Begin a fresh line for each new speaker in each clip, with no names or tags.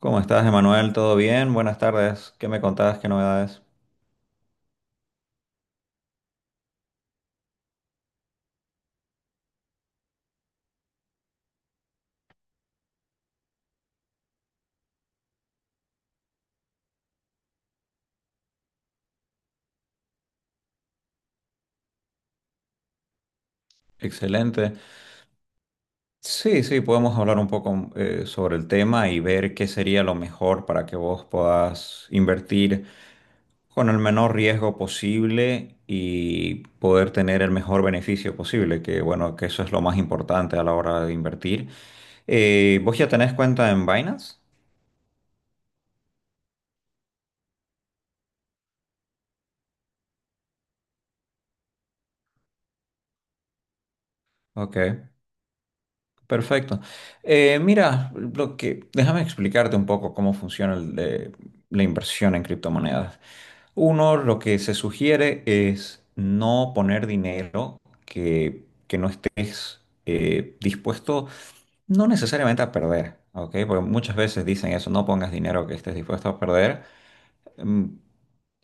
¿Cómo estás, Emanuel? ¿Todo bien? Buenas tardes. ¿Qué me contabas? ¿Qué novedades? Excelente. Sí, sí, podemos hablar un poco sobre el tema y ver qué sería lo mejor para que vos puedas invertir con el menor riesgo posible y poder tener el mejor beneficio posible, que bueno, que eso es lo más importante a la hora de invertir. ¿Vos ya tenés cuenta en Binance? Ok. Perfecto. Mira, déjame explicarte un poco cómo funciona la inversión en criptomonedas. Uno, lo que se sugiere es no poner dinero que no estés dispuesto, no necesariamente a perder, ¿ok? Porque muchas veces dicen eso, no pongas dinero que estés dispuesto a perder. Mm,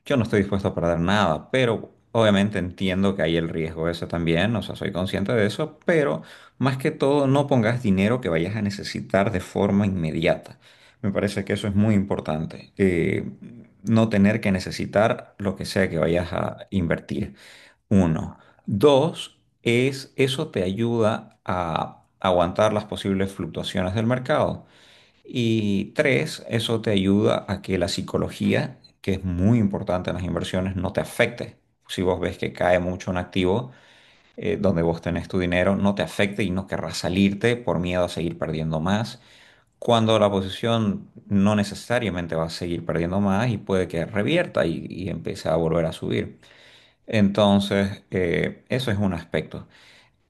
yo no estoy dispuesto a perder nada, pero obviamente entiendo que hay el riesgo ese también, o sea, soy consciente de eso, pero más que todo no pongas dinero que vayas a necesitar de forma inmediata. Me parece que eso es muy importante, no tener que necesitar lo que sea que vayas a invertir. Uno. Dos, es eso te ayuda a aguantar las posibles fluctuaciones del mercado. Y tres, eso te ayuda a que la psicología, que es muy importante en las inversiones, no te afecte. Si vos ves que cae mucho un activo donde vos tenés tu dinero, no te afecte y no querrás salirte por miedo a seguir perdiendo más. Cuando la posición no necesariamente va a seguir perdiendo más y puede que revierta y empiece a volver a subir. Entonces, eso es un aspecto.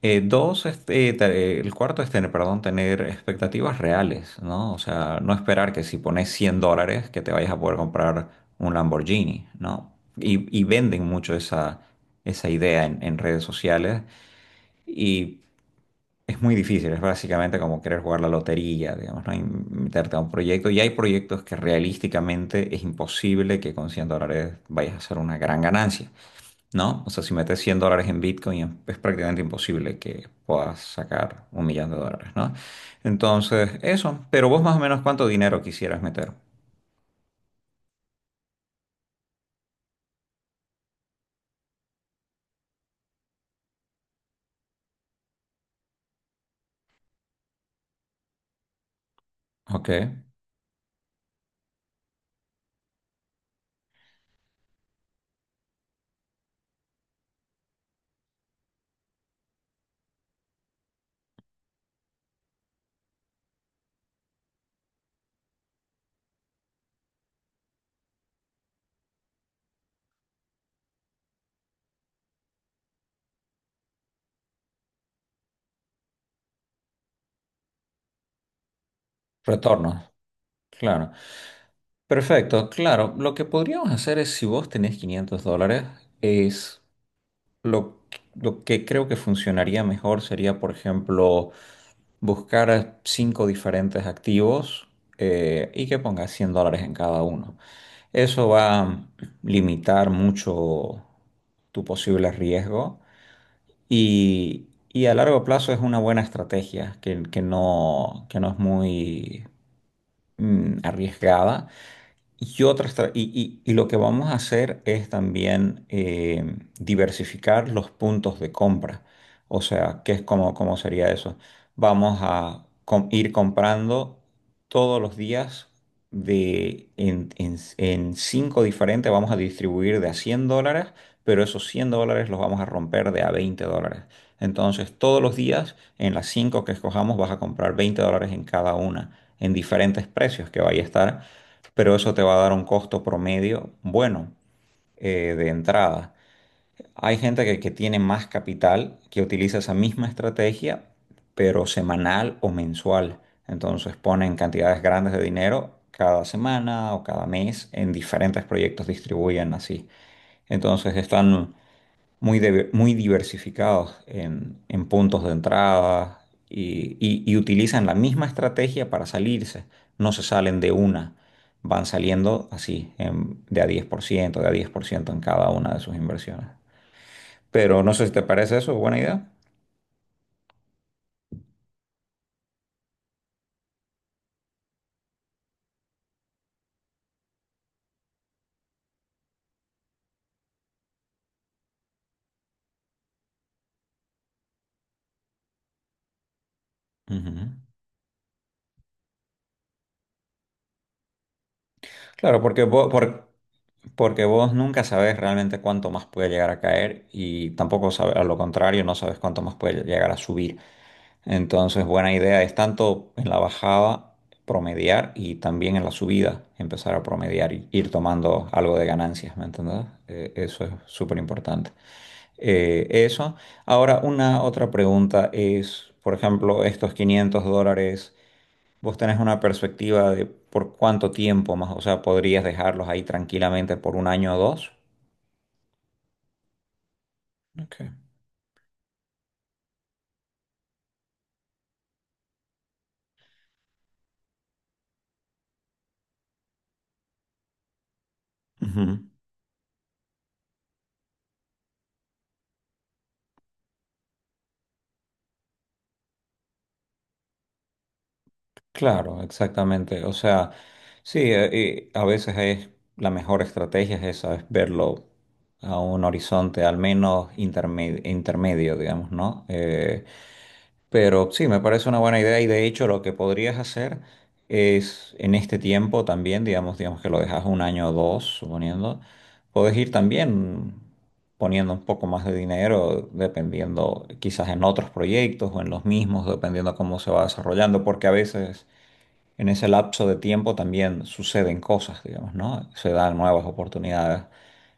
Dos, este, el cuarto es tener, perdón, tener expectativas reales, ¿no? O sea, no esperar que si pones $100 que te vayas a poder comprar un Lamborghini, ¿no? Y venden mucho esa idea en redes sociales y es muy difícil, es básicamente como querer jugar la lotería, digamos, ¿no? Y meterte a un proyecto. Y hay proyectos que realísticamente es imposible que con $100 vayas a hacer una gran ganancia. ¿No? O sea, si metes $100 en Bitcoin es prácticamente imposible que puedas sacar $1 millón, ¿no? Entonces, eso, pero vos más o menos cuánto dinero quisieras meter. Ok, retorno, claro. Perfecto, claro. Lo que podríamos hacer es, si vos tenés $500, es lo, lo que creo que funcionaría mejor sería, por ejemplo, buscar cinco diferentes activos y que pongas $100 en cada uno. Eso va a limitar mucho tu posible riesgo y a largo plazo es una buena estrategia que no es muy arriesgada y otras tra- y lo que vamos a hacer es también diversificar los puntos de compra. O sea, cómo sería eso? Vamos a ir comprando todos los días en cinco diferentes, vamos a distribuir de a $100, pero esos $100 los vamos a romper de a $20. Entonces, todos los días, en las cinco que escojamos, vas a comprar $20 en cada una, en diferentes precios que vaya a estar pero eso te va a dar un costo promedio bueno de entrada. Hay gente que tiene más capital que utiliza esa misma estrategia, pero semanal o mensual. Entonces ponen cantidades grandes de dinero cada semana o cada mes en diferentes proyectos, distribuyen así. Entonces están muy diversificados en puntos de entrada y utilizan la misma estrategia para salirse. No se salen de una, van saliendo así, de a 10% de a 10% en cada una de sus inversiones. Pero no sé si te parece eso buena idea. Ujú. Claro, porque vos nunca sabes realmente cuánto más puede llegar a caer y tampoco sabes, a lo contrario, no sabes cuánto más puede llegar a subir. Entonces, buena idea es tanto en la bajada promediar y también en la subida empezar a promediar y ir tomando algo de ganancias, ¿me entendés? Eso es súper importante. Eso. Ahora, una otra pregunta es, por ejemplo, estos $500, ¿vos tenés una perspectiva de por cuánto tiempo más? O sea, ¿podrías dejarlos ahí tranquilamente por un año o dos? Ok. Ujú. Claro, exactamente. O sea, sí, y a veces es la mejor estrategia es esa, es verlo a un horizonte al menos intermedio, digamos, ¿no? Pero sí, me parece una buena idea y de hecho lo que podrías hacer es en este tiempo también, digamos, que lo dejas un año o dos, suponiendo, puedes ir también poniendo un poco más de dinero, dependiendo quizás en otros proyectos o en los mismos, dependiendo cómo se va desarrollando, porque a veces en ese lapso de tiempo también suceden cosas, digamos, ¿no? Se dan nuevas oportunidades.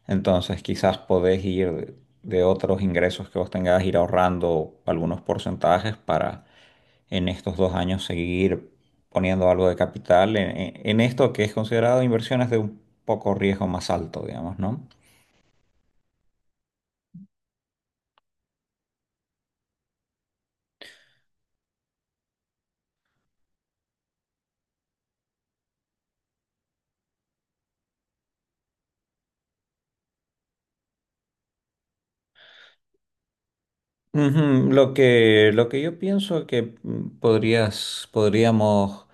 Entonces, quizás podés ir de otros ingresos que vos tengas, ir ahorrando algunos porcentajes para en estos 2 años seguir poniendo algo de capital en esto que es considerado inversiones de un poco riesgo más alto, digamos, ¿no? Ujú. Lo que yo pienso que podrías, podríamos.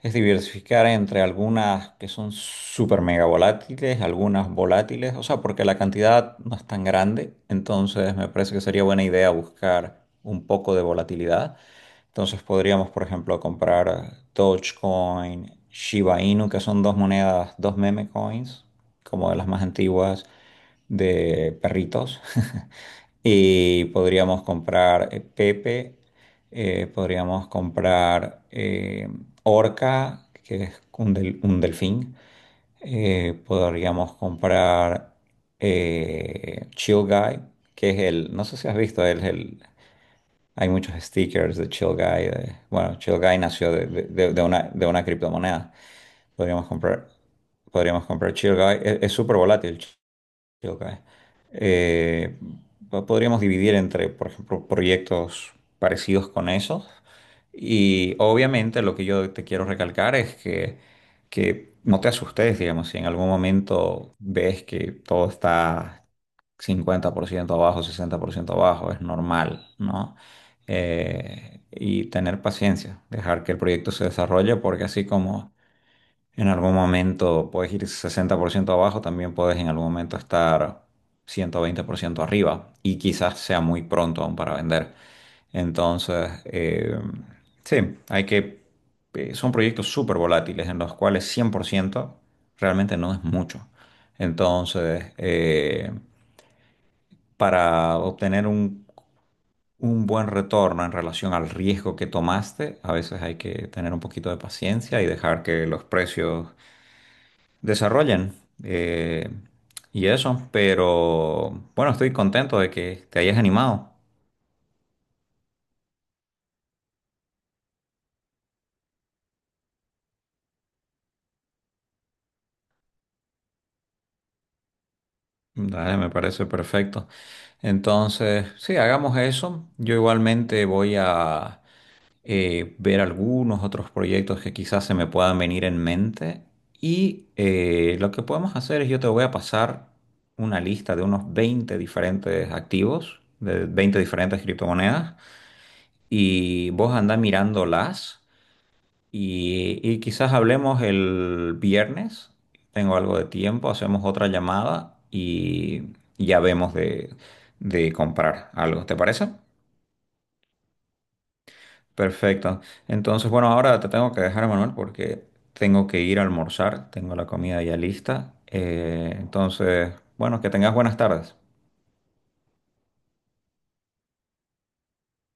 Es diversificar entre algunas que son súper mega volátiles, algunas volátiles, o sea, porque la cantidad no es tan grande, entonces me parece que sería buena idea buscar un poco de volatilidad. Entonces podríamos, por ejemplo, comprar Dogecoin, Shiba Inu, que son dos monedas, dos meme coins, como de las más antiguas de perritos. Y podríamos comprar Pepe podríamos comprar orca, que es un delfín. Podríamos comprar Chill Guy, que es el, no sé si has visto, él es el, hay muchos stickers de Chill Guy. Bueno, Chill Guy nació de una criptomoneda. Podríamos comprar, podríamos comprar Chill Guy. Es súper volátil. Ok. Eh, Podríamos dividir entre, por ejemplo, proyectos parecidos con esos. Y obviamente lo que yo te quiero recalcar es que no te asustes, digamos, si en algún momento ves que todo está 50% abajo, 60% abajo, es normal, ¿no? Y tener paciencia, dejar que el proyecto se desarrolle, porque así como en algún momento puedes ir 60% abajo, también puedes en algún momento estar 120% arriba y quizás sea muy pronto aún para vender. Entonces, sí, son proyectos súper volátiles en los cuales 100% realmente no es mucho. Entonces, para obtener un buen retorno en relación al riesgo que tomaste, a veces hay que tener un poquito de paciencia y dejar que los precios desarrollan. eh, y eso, pero bueno, estoy contento de que te hayas animado. Dale, me parece perfecto. Entonces, sí, hagamos eso. Yo igualmente voy a ver algunos otros proyectos que quizás se me puedan venir en mente. Y lo que podemos hacer es yo te voy a pasar una lista de unos 20 diferentes activos, de 20 diferentes criptomonedas, y vos andás mirándolas. Y quizás hablemos el viernes. Tengo algo de tiempo, hacemos otra llamada y ya vemos de comprar algo. ¿Te parece? Perfecto. Entonces, bueno, ahora te tengo que dejar, Manuel, porque tengo que ir a almorzar. Tengo la comida ya lista. Entonces, bueno, que tengas buenas tardes.